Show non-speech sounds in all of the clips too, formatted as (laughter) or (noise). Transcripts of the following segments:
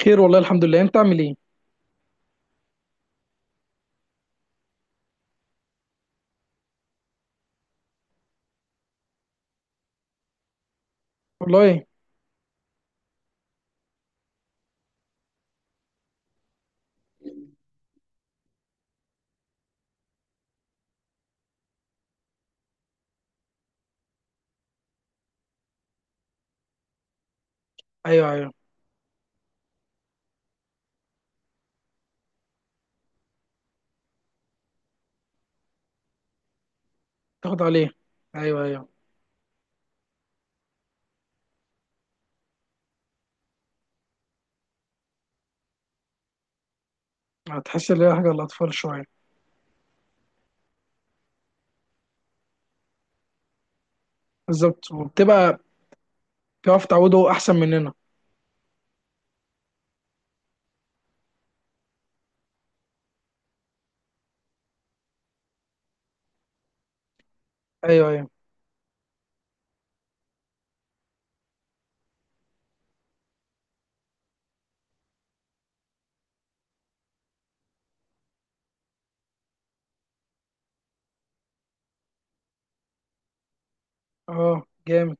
خير والله الحمد لله. انت عامل ايه؟ والله. ايوه ايوه. تاخد عليه. ايوه ايوه. هتحس ان هي حاجه للاطفال شويه. بالظبط، وبتبقى بتعرف تعوده احسن مننا. ايوه ايوه. اه جامد.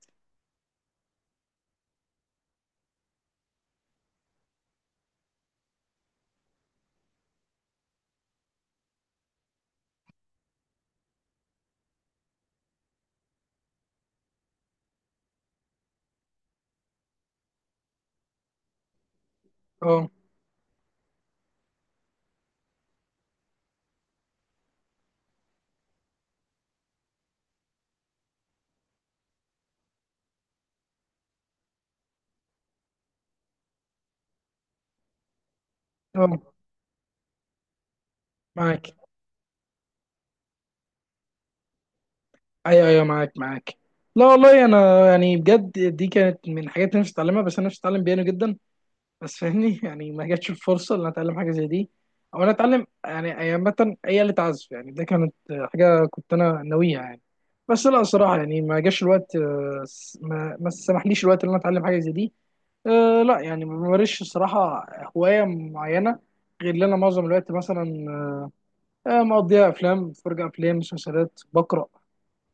اه. اه معاك. ايوه ايوه معاك معاك. لا والله انا يعني بجد دي كانت من الحاجات اللي نفسي اتعلمها، بس انا نفسي اتعلم بيانو جدا، بس فاهمني يعني ما جاتش الفرصه ان أنا اتعلم حاجه زي دي، او انا اتعلم يعني عامه اي آلة عزف. يعني ده كانت حاجه كنت انا ناويها يعني. بس لا صراحه يعني ما جاش الوقت، ما سمحليش الوقت ان انا اتعلم حاجه زي دي. أه لا يعني ما بمارسش الصراحه هوايه معينه، غير ان انا معظم الوقت مثلا أه مقضيها افلام، بتفرج افلام مسلسلات، بقرا،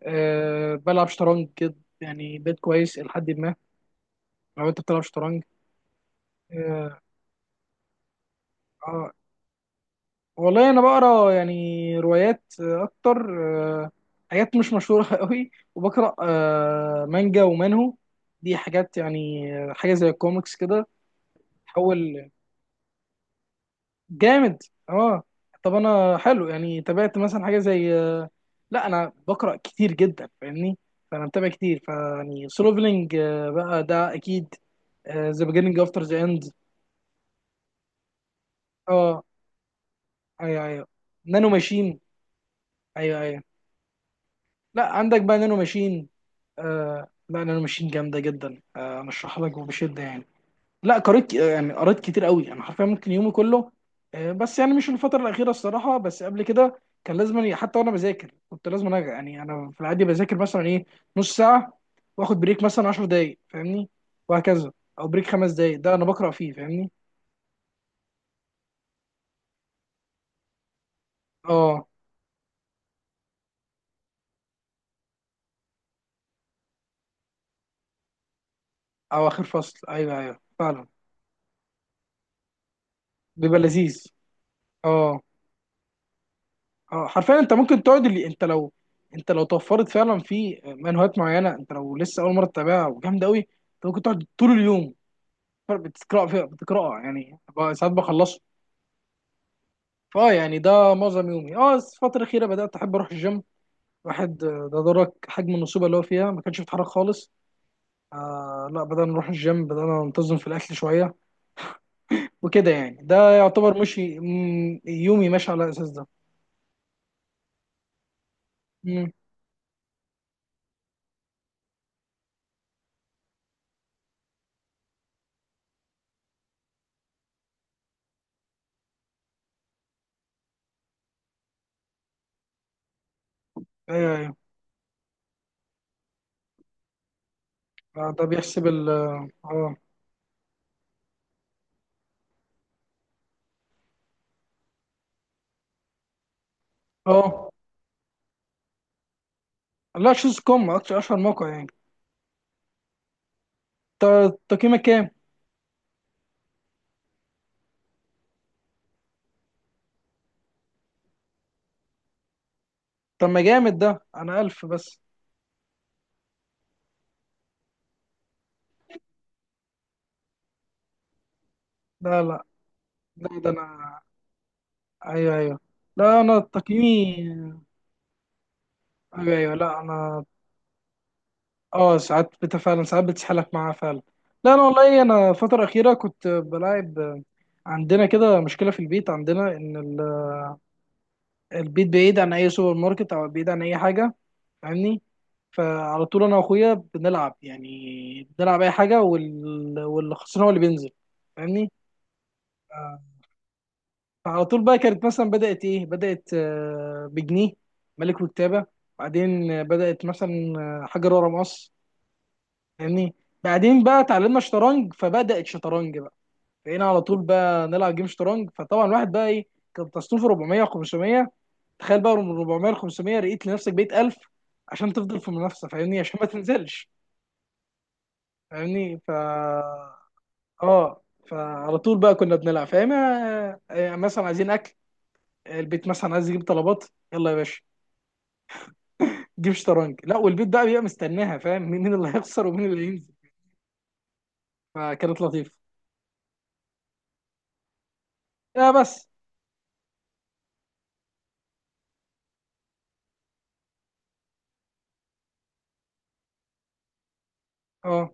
أه بلعب شطرنج كده. يعني بيت كويس لحد ما. لو انت بتلعب شطرنج. اه. آه، والله انا بقرا يعني روايات اكتر. آه، حاجات مش مشهوره (laughs) قوي، وبقرا مانجا ومانهو. دي حاجات يعني حاجه زي الكوميكس كده. تحول جامد. اه. طب انا حلو يعني تابعت مثلا حاجه زي لا انا بقرا كتير جدا فاهمني، فانا متابع كتير فيعني سولوفلينج بقى ده اكيد. ذا بيجيننج افتر ذا اند. اه ايوه ايوه. نانو ماشين. ايوه ايوه. لا عندك بقى نانو ماشين. آه لا انا ماشين جامده جدا، آه ارشح لك وبشده يعني. لا قريت، يعني قريت كتير قوي، انا حرفيا ممكن يومي كله، آه بس يعني مش الفتره الاخيره الصراحه، بس قبل كده كان لازم حتى وانا بذاكر، كنت لازم أنا يعني انا في العادي بذاكر مثلا ايه، نص ساعه واخد بريك مثلا 10 دقائق فاهمني، وهكذا. او بريك 5 دقائق ده انا بقرا فيه فاهمني. اه او اخر فصل. ايوه ايوه فعلا. بيبقى لذيذ. اه. اه حرفيا انت ممكن تقعد اللي انت لو انت لو توفرت فعلا في منهجات معينه، انت لو لسه اول مره تتابعها وجامده قوي، انت ممكن تقعد طول اليوم بتقرا فيها، بتقراها يعني بقى ساعات بخلصه. فاه يعني ده معظم يومي. اه بس الفتره الاخيره بدات احب اروح الجيم، واحد ده درك حجم النصوبه اللي هو فيها، ما كانش بيتحرك خالص. آه لا بدأنا نروح الجيم، بدأنا ننتظم في الأكل شوية وكده يعني. ده يعتبر مشي. يومي ماشي على الأساس ده. مم، أيوه أيوه. ده بيحسب ال، اه. اه لا شوز كوم اكتر اشهر موقع يعني. تقييمك كام؟ طب ما جامد، ده انا الف بس. لا لا لا ده انا. ايوه ايوه. لا انا تقييمي. ايوه ايوه. لا انا. اه ساعات فعلا ساعات بتسحلك معاها فعلا. لا انا والله انا الفتره الاخيره كنت بلاعب. عندنا كده مشكله في البيت، عندنا ان البيت بعيد عن اي سوبر ماركت، او بعيد عن اي حاجه فاهمني، فعلى طول انا واخويا بنلعب يعني، بنلعب اي حاجه واللي خسران هو اللي بينزل فاهمني. آه، فعلى طول بقى كانت مثلا بدأت إيه، بدأت بجنيه، ملك وكتابة. بعدين بدأت مثلا حجر ورا مقص فاهمني. بعدين بقى اتعلمنا شطرنج فبدأت شطرنج بقى، بقينا على طول بقى نلعب جيم شطرنج. فطبعا الواحد بقى إيه، كان تصنيفه 400 و500. تخيل بقى من 400 ل 500، لقيت لنفسك بقيت 1000 عشان تفضل في المنافسة فاهمني، عشان ما تنزلش. فاهمني ف اه. فعلى طول بقى كنا بنلعب فاهم، مثلا عايزين اكل، البيت مثلا عايز يجيب طلبات، يلا يا باشا جيب شطرنج. لا، والبيت بقى بيبقى مستناها فاهم، مين مين اللي هيخسر ومين اللي هينزل. فكانت لطيفه. لا بس. اه.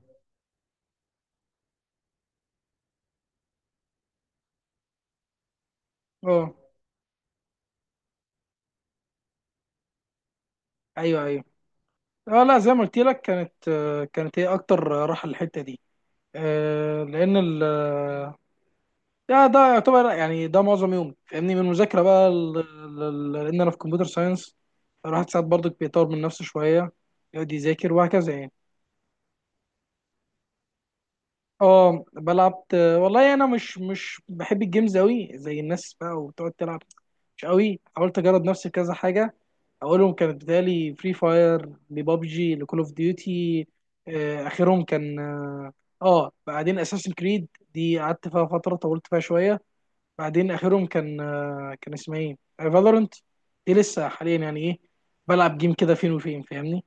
اه ايوه ايوه. اه لا زي ما قلت لك، كانت كانت هي اكتر راحه الحته دي، لان ال، ده ده يعتبر يعني ده معظم يومي فاهمني، من المذاكره بقى لان انا في كمبيوتر ساينس، الواحد ساعات برضك بيطور من نفسه شويه، يقعد يذاكر وهكذا يعني. اه بلعب والله. انا مش مش بحب الجيمز قوي زي الناس بقى وتقعد تلعب. مش قوي. حاولت اجرب نفسي في كذا حاجه، اولهم كانت بتالي فري فاير، لبابجي، لكول اوف ديوتي. اخرهم كان اه، بعدين اساسن كريد، دي قعدت فيها فتره طولت فيها شويه. بعدين اخرهم كان كان اسمها ايه، فالورنت. دي لسه حاليا يعني ايه، بلعب جيم كده فين وفين فاهمني.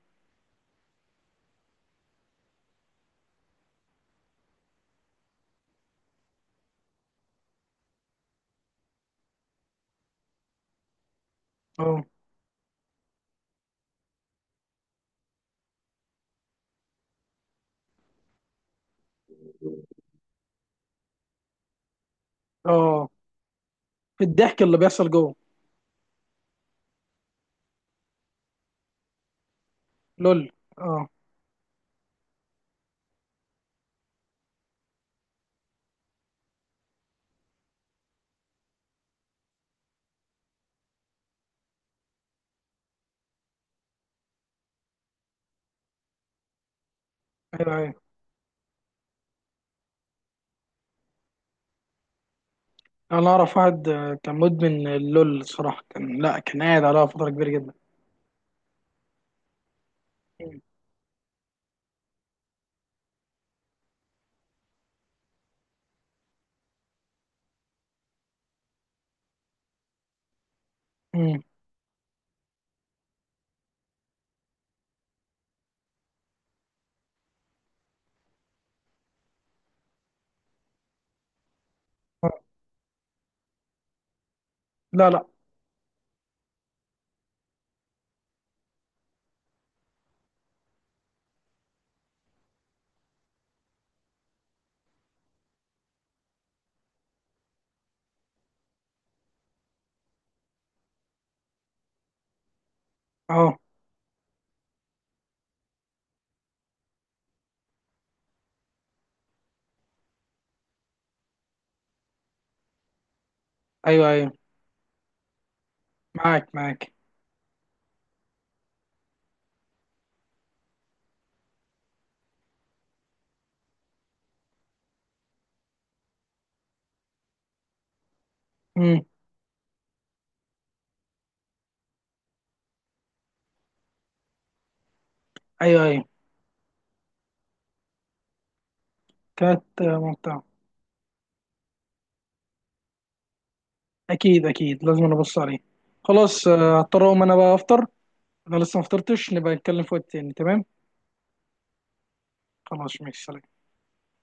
اه. اه في الضحك اللي بيحصل جوه. لول. اه ايوه ايوه. انا اعرف واحد كان مدمن اللول الصراحه، كان لا كان قاعد عليها فتره كبيره جدا. مم. لا لا. اه ايوه ايوه معاك معاك. امم. ايوه ايوه كانت ممتعة. اكيد اكيد لازم ابص عليه. خلاص، هضطر اقوم انا بقى افطر. انا لسه ما فطرتش، نبقى نتكلم في وقت تاني تمام؟ خلاص ماشي سلام.